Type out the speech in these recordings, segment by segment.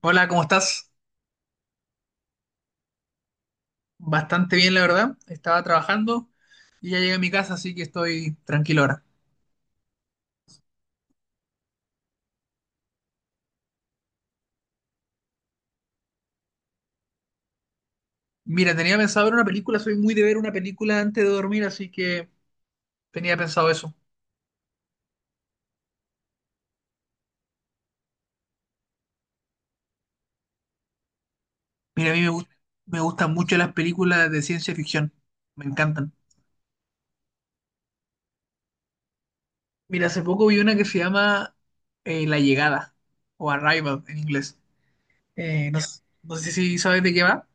Hola, ¿cómo estás? Bastante bien, la verdad. Estaba trabajando y ya llegué a mi casa, así que estoy tranquilo ahora. Mira, tenía pensado ver una película, soy muy de ver una película antes de dormir, así que tenía pensado eso. Mira, a mí me gust- me gustan mucho las películas de ciencia ficción, me encantan. Mira, hace poco vi una que se llama La Llegada, o Arrival en inglés. No, no sé si sabes de qué va.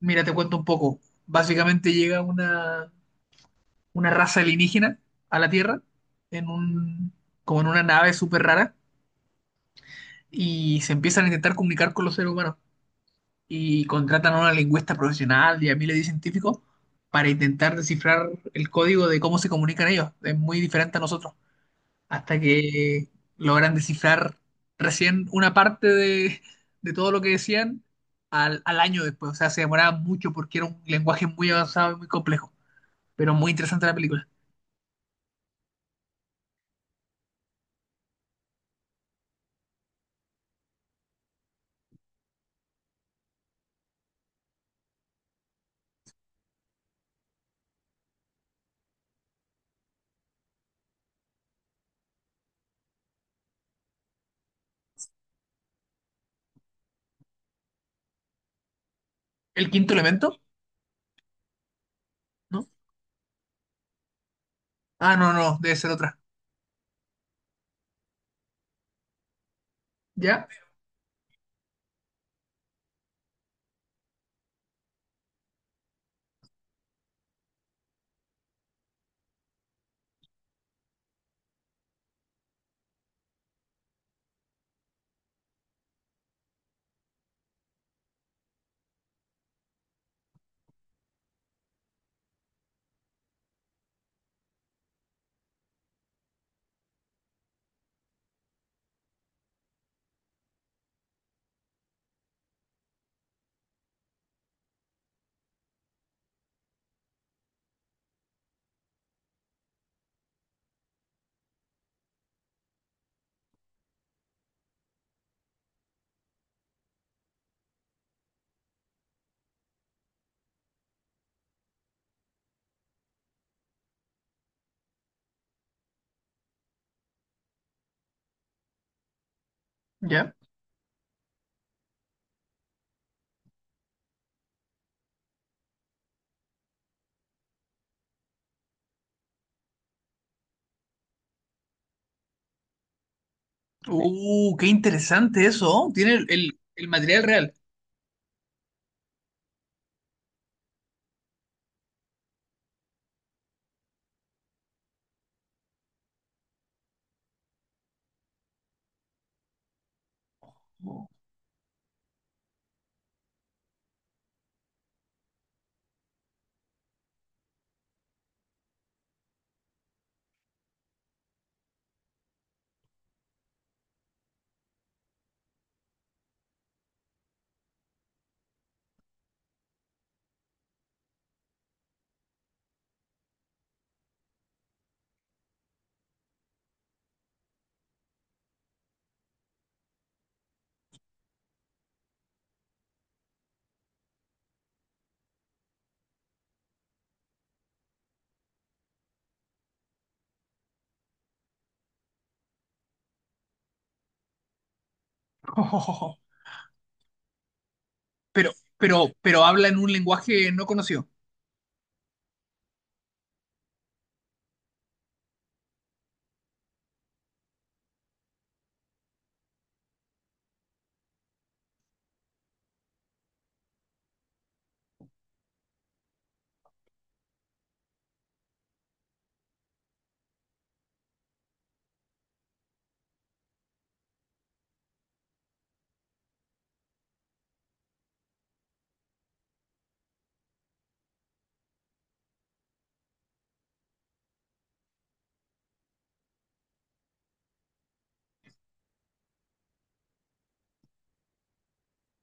Mira, te cuento un poco. Básicamente llega una raza alienígena a la Tierra, en un, como en una nave súper rara, y se empiezan a intentar comunicar con los seres humanos. Y contratan a una lingüista profesional y a miles de científicos para intentar descifrar el código de cómo se comunican ellos. Es muy diferente a nosotros. Hasta que logran descifrar recién una parte de todo lo que decían al año después. O sea, se demoraba mucho porque era un lenguaje muy avanzado y muy complejo. Pero muy interesante la película. El quinto elemento. ¿No? Ah, no, no, debe ser otra. ¿Ya? ¿Ya? Qué interesante eso, ¿oh? Tiene el material real. Oh, oh, oh, oh. Pero, pero habla en un lenguaje no conocido.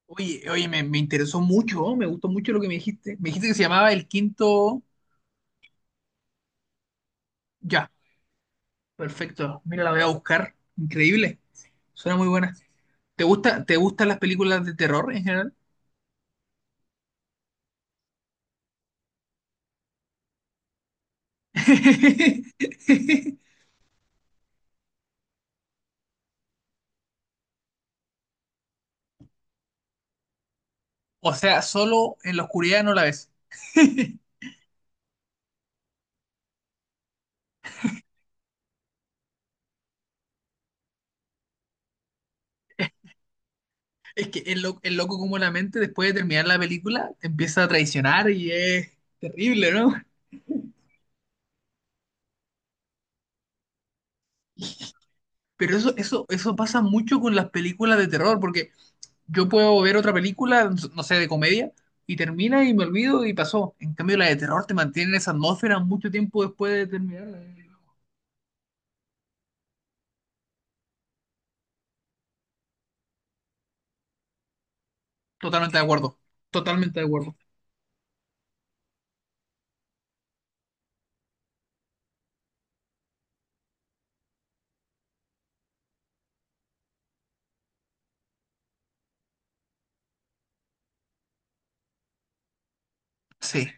Oye, oye, me interesó mucho, ¿oh? Me gustó mucho lo que me dijiste. Me dijiste que se llamaba El Quinto... Ya, perfecto. Mira, la voy a buscar. Increíble. Suena muy buena. ¿Te gusta, te gustan las películas de terror en general? O sea, solo en la oscuridad no la ves. Es que el loco como la mente después de terminar la película te empieza a traicionar y es terrible, ¿no? Pero eso pasa mucho con las películas de terror, porque yo puedo ver otra película, no sé, de comedia, y termina y me olvido y pasó. En cambio, la de terror te mantiene en esa atmósfera mucho tiempo después de terminarla. Totalmente de acuerdo, totalmente de acuerdo. Sí.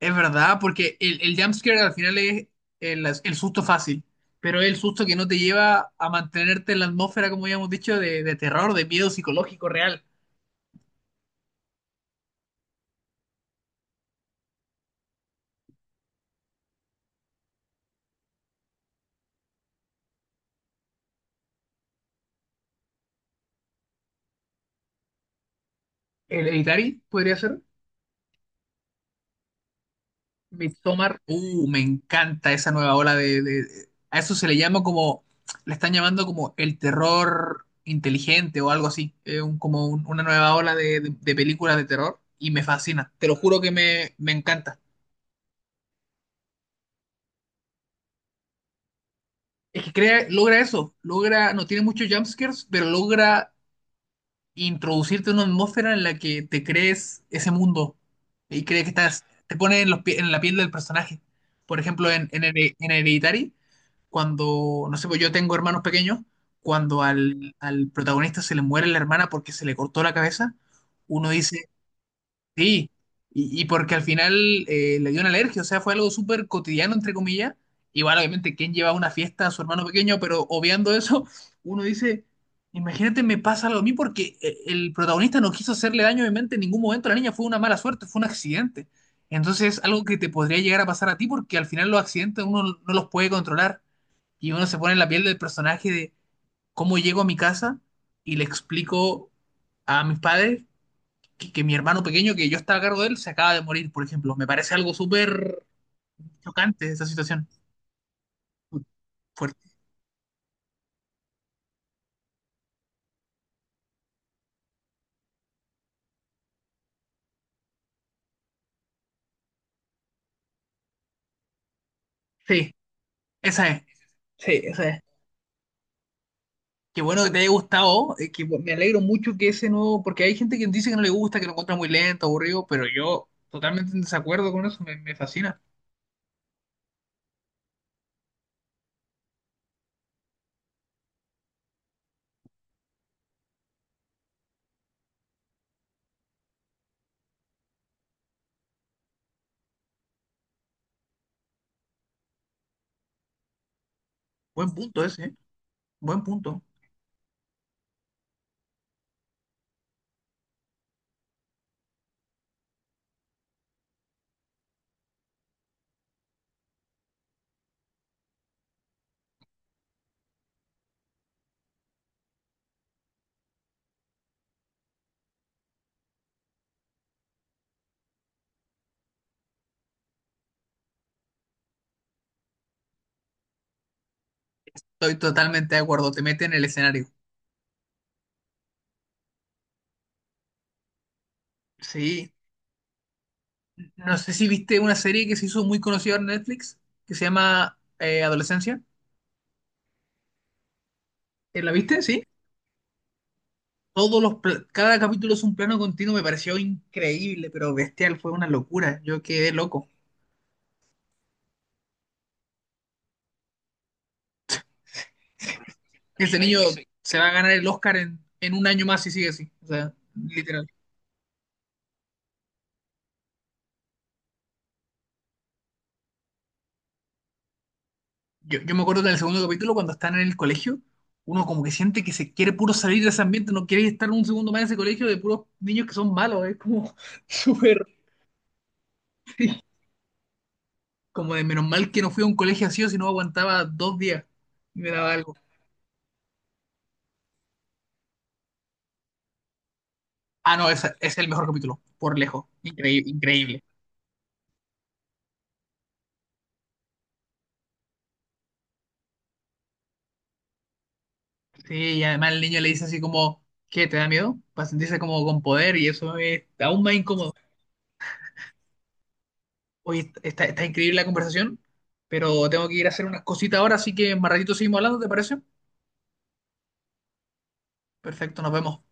Es verdad, porque el jumpscare al final es el susto fácil, pero es el susto que no te lleva a mantenerte en la atmósfera, como ya hemos dicho, de terror, de miedo psicológico real. El Hereditary podría ser. Midsommar. Me encanta esa nueva ola A eso se le llama como. Le están llamando como el terror inteligente o algo así. Como una nueva ola de películas de terror. Y me fascina. Te lo juro que me encanta. Es que crea, logra eso, logra, no tiene muchos jumpscares, pero logra introducirte en una atmósfera en la que te crees ese mundo y crees que estás, te pone en la piel del personaje. Por ejemplo, en Hereditary, cuando, no sé, pues yo tengo hermanos pequeños, cuando al protagonista se le muere la hermana porque se le cortó la cabeza, uno dice, sí, y porque al final le dio una alergia, o sea, fue algo súper cotidiano, entre comillas. Igual, obviamente, ¿quién lleva a una fiesta a su hermano pequeño? Pero obviando eso, uno dice, imagínate, me pasa algo a mí porque el protagonista no quiso hacerle daño, obviamente, en ningún momento a la niña, fue una mala suerte, fue un accidente. Entonces, es algo que te podría llegar a pasar a ti porque al final los accidentes uno no los puede controlar y uno se pone en la piel del personaje de cómo llego a mi casa y le explico a mis padres que mi hermano pequeño, que yo estaba a cargo de él, se acaba de morir, por ejemplo. Me parece algo súper chocante esa situación. Fuerte. Sí, esa es. Sí, esa es. Qué bueno que te haya gustado, que me alegro mucho que ese nuevo, porque hay gente que dice que no le gusta, que lo encuentra muy lento, aburrido, pero yo totalmente en desacuerdo con eso, me fascina. Buen punto ese, eh. Buen punto. Estoy totalmente de acuerdo, te mete en el escenario. Sí, no sé si viste una serie que se hizo muy conocida en Netflix, que se llama Adolescencia. ¿La viste? Sí. todos los pla- cada capítulo es un plano continuo, me pareció increíble, pero bestial, fue una locura. Yo quedé loco. Ese niño que se va a ganar el Oscar en un año más si sigue así. O sea, literal. Yo me acuerdo del segundo capítulo cuando están en el colegio, uno como que siente que se quiere puro salir de ese ambiente, no quiere estar un segundo más en ese colegio de puros niños que son malos, es como súper como de menos mal que no fui a un colegio así o si no aguantaba dos días y me daba algo. Ah, no, ese es el mejor capítulo, por lejos. Increíble, increíble. Sí, y además el niño le dice así como, ¿qué? ¿Te da miedo? Para sentirse como con poder y eso es aún más incómodo. Oye, está increíble la conversación, pero tengo que ir a hacer unas cositas ahora, así que más ratito seguimos hablando, ¿te parece? Perfecto, nos vemos.